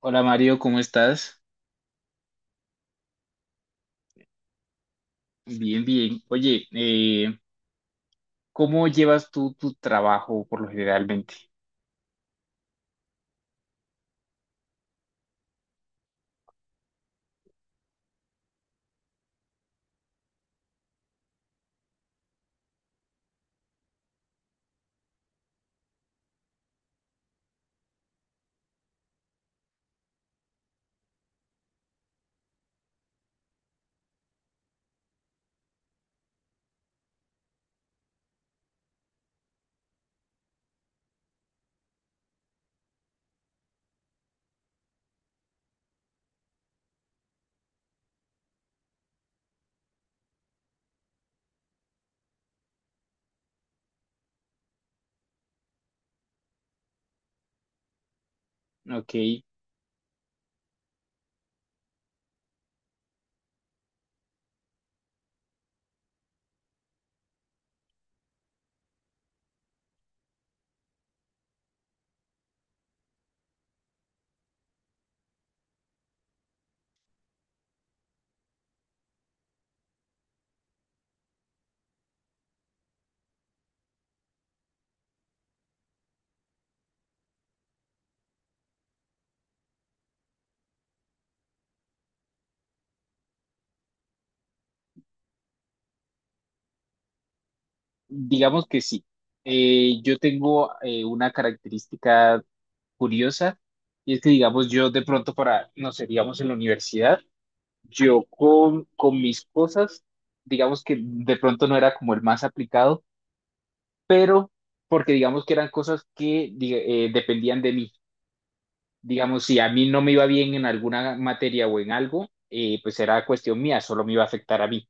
Hola Mario, ¿cómo estás? Bien, bien. Oye, ¿cómo llevas tú tu trabajo por lo generalmente? Ok, digamos que sí. Yo tengo una característica curiosa, y es que, digamos, yo de pronto para, no sé, digamos en la universidad, yo con mis cosas, digamos que de pronto no era como el más aplicado, pero porque digamos que eran cosas que dependían de mí. Digamos, si a mí no me iba bien en alguna materia o en algo, pues era cuestión mía, solo me iba a afectar a mí.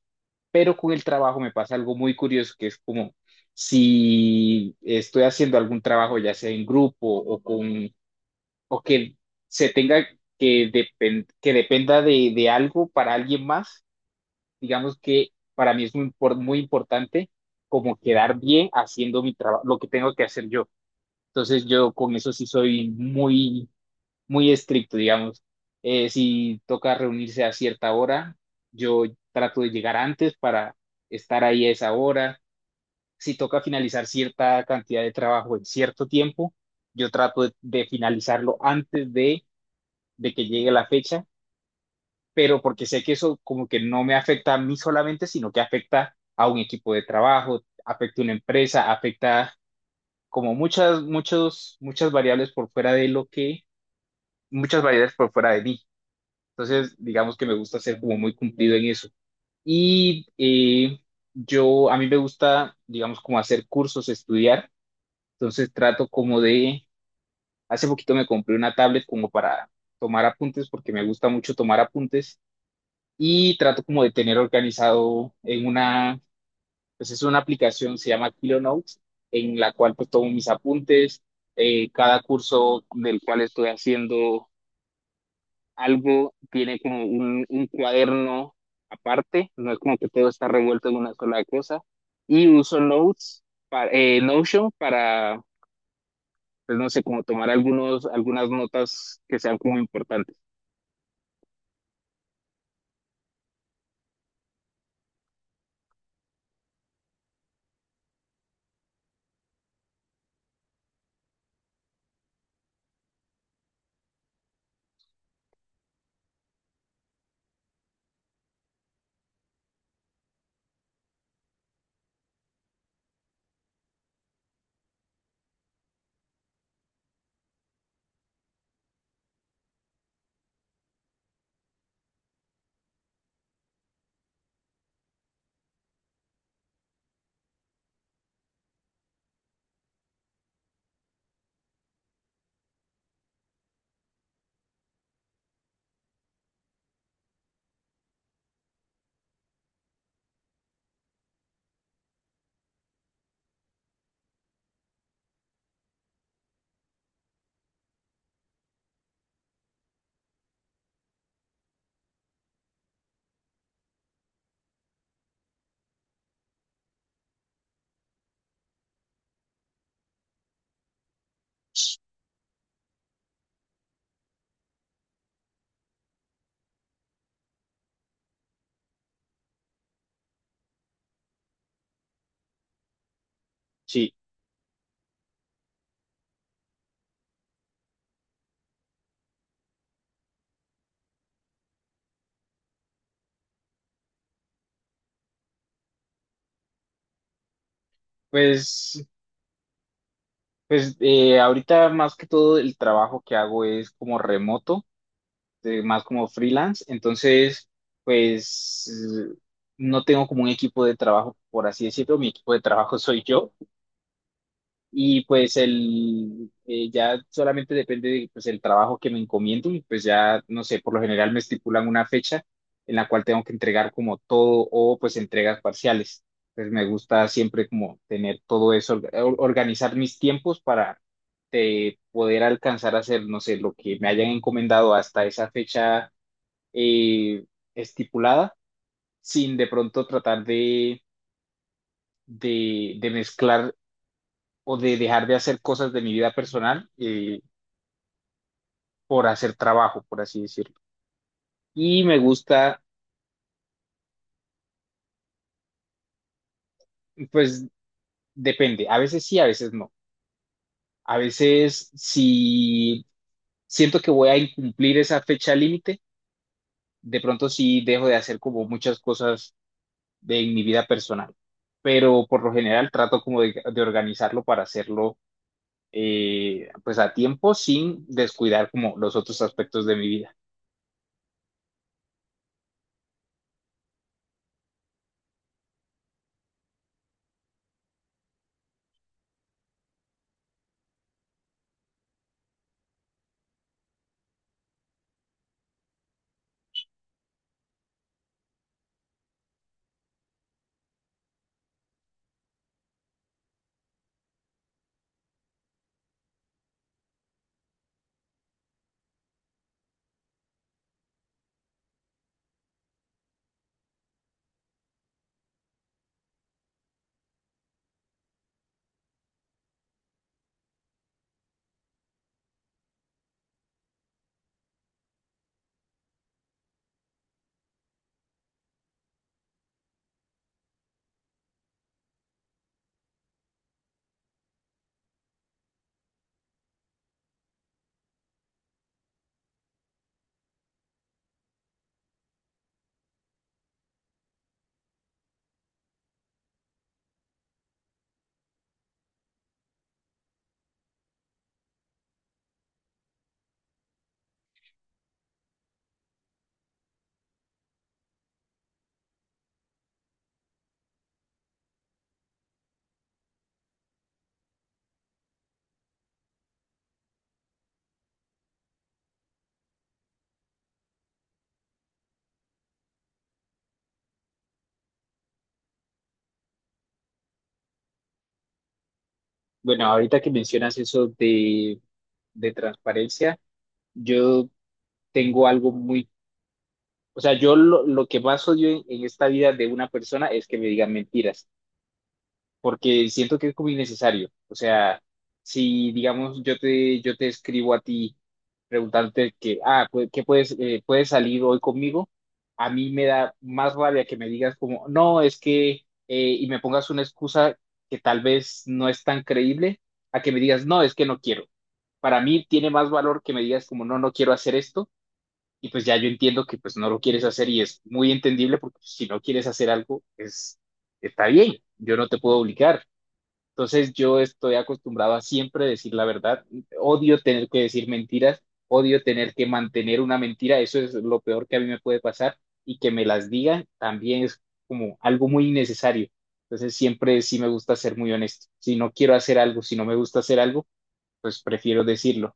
Pero con el trabajo me pasa algo muy curioso, que es como si estoy haciendo algún trabajo, ya sea en grupo o que se tenga que, dependa de algo para alguien más, digamos que para mí es muy importante como quedar bien haciendo mi trabajo, lo que tengo que hacer yo. Entonces yo con eso sí soy muy estricto, digamos. Si toca reunirse a cierta hora, yo trato de llegar antes para estar ahí a esa hora. Si toca finalizar cierta cantidad de trabajo en cierto tiempo, yo trato de finalizarlo antes de que llegue la fecha, pero porque sé que eso como que no me afecta a mí solamente, sino que afecta a un equipo de trabajo, afecta a una empresa, afecta como muchas variables por fuera de lo que, muchas variables por fuera de mí. Entonces, digamos que me gusta ser como muy cumplido en eso. Y yo, a mí me gusta, digamos, como hacer cursos, estudiar. Entonces trato como hace poquito me compré una tablet como para tomar apuntes, porque me gusta mucho tomar apuntes. Y trato como de tener organizado en una, pues es una aplicación, se llama Kilo Notes, en la cual pues tomo mis apuntes, cada curso del cual estoy haciendo algo tiene como un cuaderno aparte, no es como que todo está revuelto en una sola cosa, y uso Notes, para, Notion para, pues no sé, como tomar algunas notas que sean como importantes. Sí, pues, pues ahorita más que todo el trabajo que hago es como remoto, más como freelance, entonces pues eh, no tengo como un equipo de trabajo, por así decirlo, mi equipo de trabajo soy yo. Y pues el ya solamente depende de pues el trabajo que me encomienden y pues ya no sé, por lo general me estipulan una fecha en la cual tengo que entregar como todo o pues entregas parciales. Entonces me gusta siempre como tener todo eso, organizar mis tiempos para poder alcanzar a hacer, no sé, lo que me hayan encomendado hasta esa fecha eh, estipulada, sin de pronto tratar de mezclar o de dejar de hacer cosas de mi vida personal por hacer trabajo, por así decirlo. Y me gusta, pues depende, a veces sí, a veces no. A veces si siento que voy a incumplir esa fecha límite, de pronto sí dejo de hacer como muchas cosas de en mi vida personal, pero por lo general trato como de organizarlo para hacerlo pues a tiempo sin descuidar como los otros aspectos de mi vida. Bueno, ahorita que mencionas eso de transparencia, yo tengo algo muy, o sea, yo lo que más odio en esta vida de una persona es que me digan mentiras, porque siento que es como innecesario. O sea, si digamos yo te escribo a ti preguntarte que, ah, pues, ¿qué puedes, puedes salir hoy conmigo? A mí me da más rabia que me digas como, no, es que, y me pongas una excusa que tal vez no es tan creíble, a que me digas, no, es que no quiero. Para mí tiene más valor que me digas como, no, no quiero hacer esto y pues ya yo entiendo que pues no lo quieres hacer y es muy entendible porque pues, si no quieres hacer algo, es, está bien, yo no te puedo obligar. Entonces yo estoy acostumbrado a siempre decir la verdad, odio tener que decir mentiras, odio tener que mantener una mentira, eso es lo peor que a mí me puede pasar, y que me las digan también es como algo muy innecesario. Entonces siempre sí me gusta ser muy honesto. Si no quiero hacer algo, si no me gusta hacer algo, pues prefiero decirlo.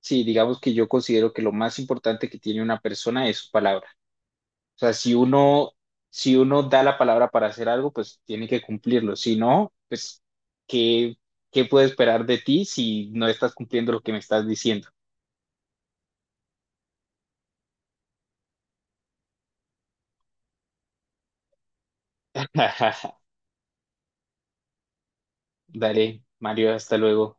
Sí, digamos que yo considero que lo más importante que tiene una persona es su palabra. O sea, si uno da la palabra para hacer algo, pues tiene que cumplirlo. Si no, pues, ¿qué, qué puedo esperar de ti si no estás cumpliendo lo que me estás diciendo? Dale, Mario, hasta luego.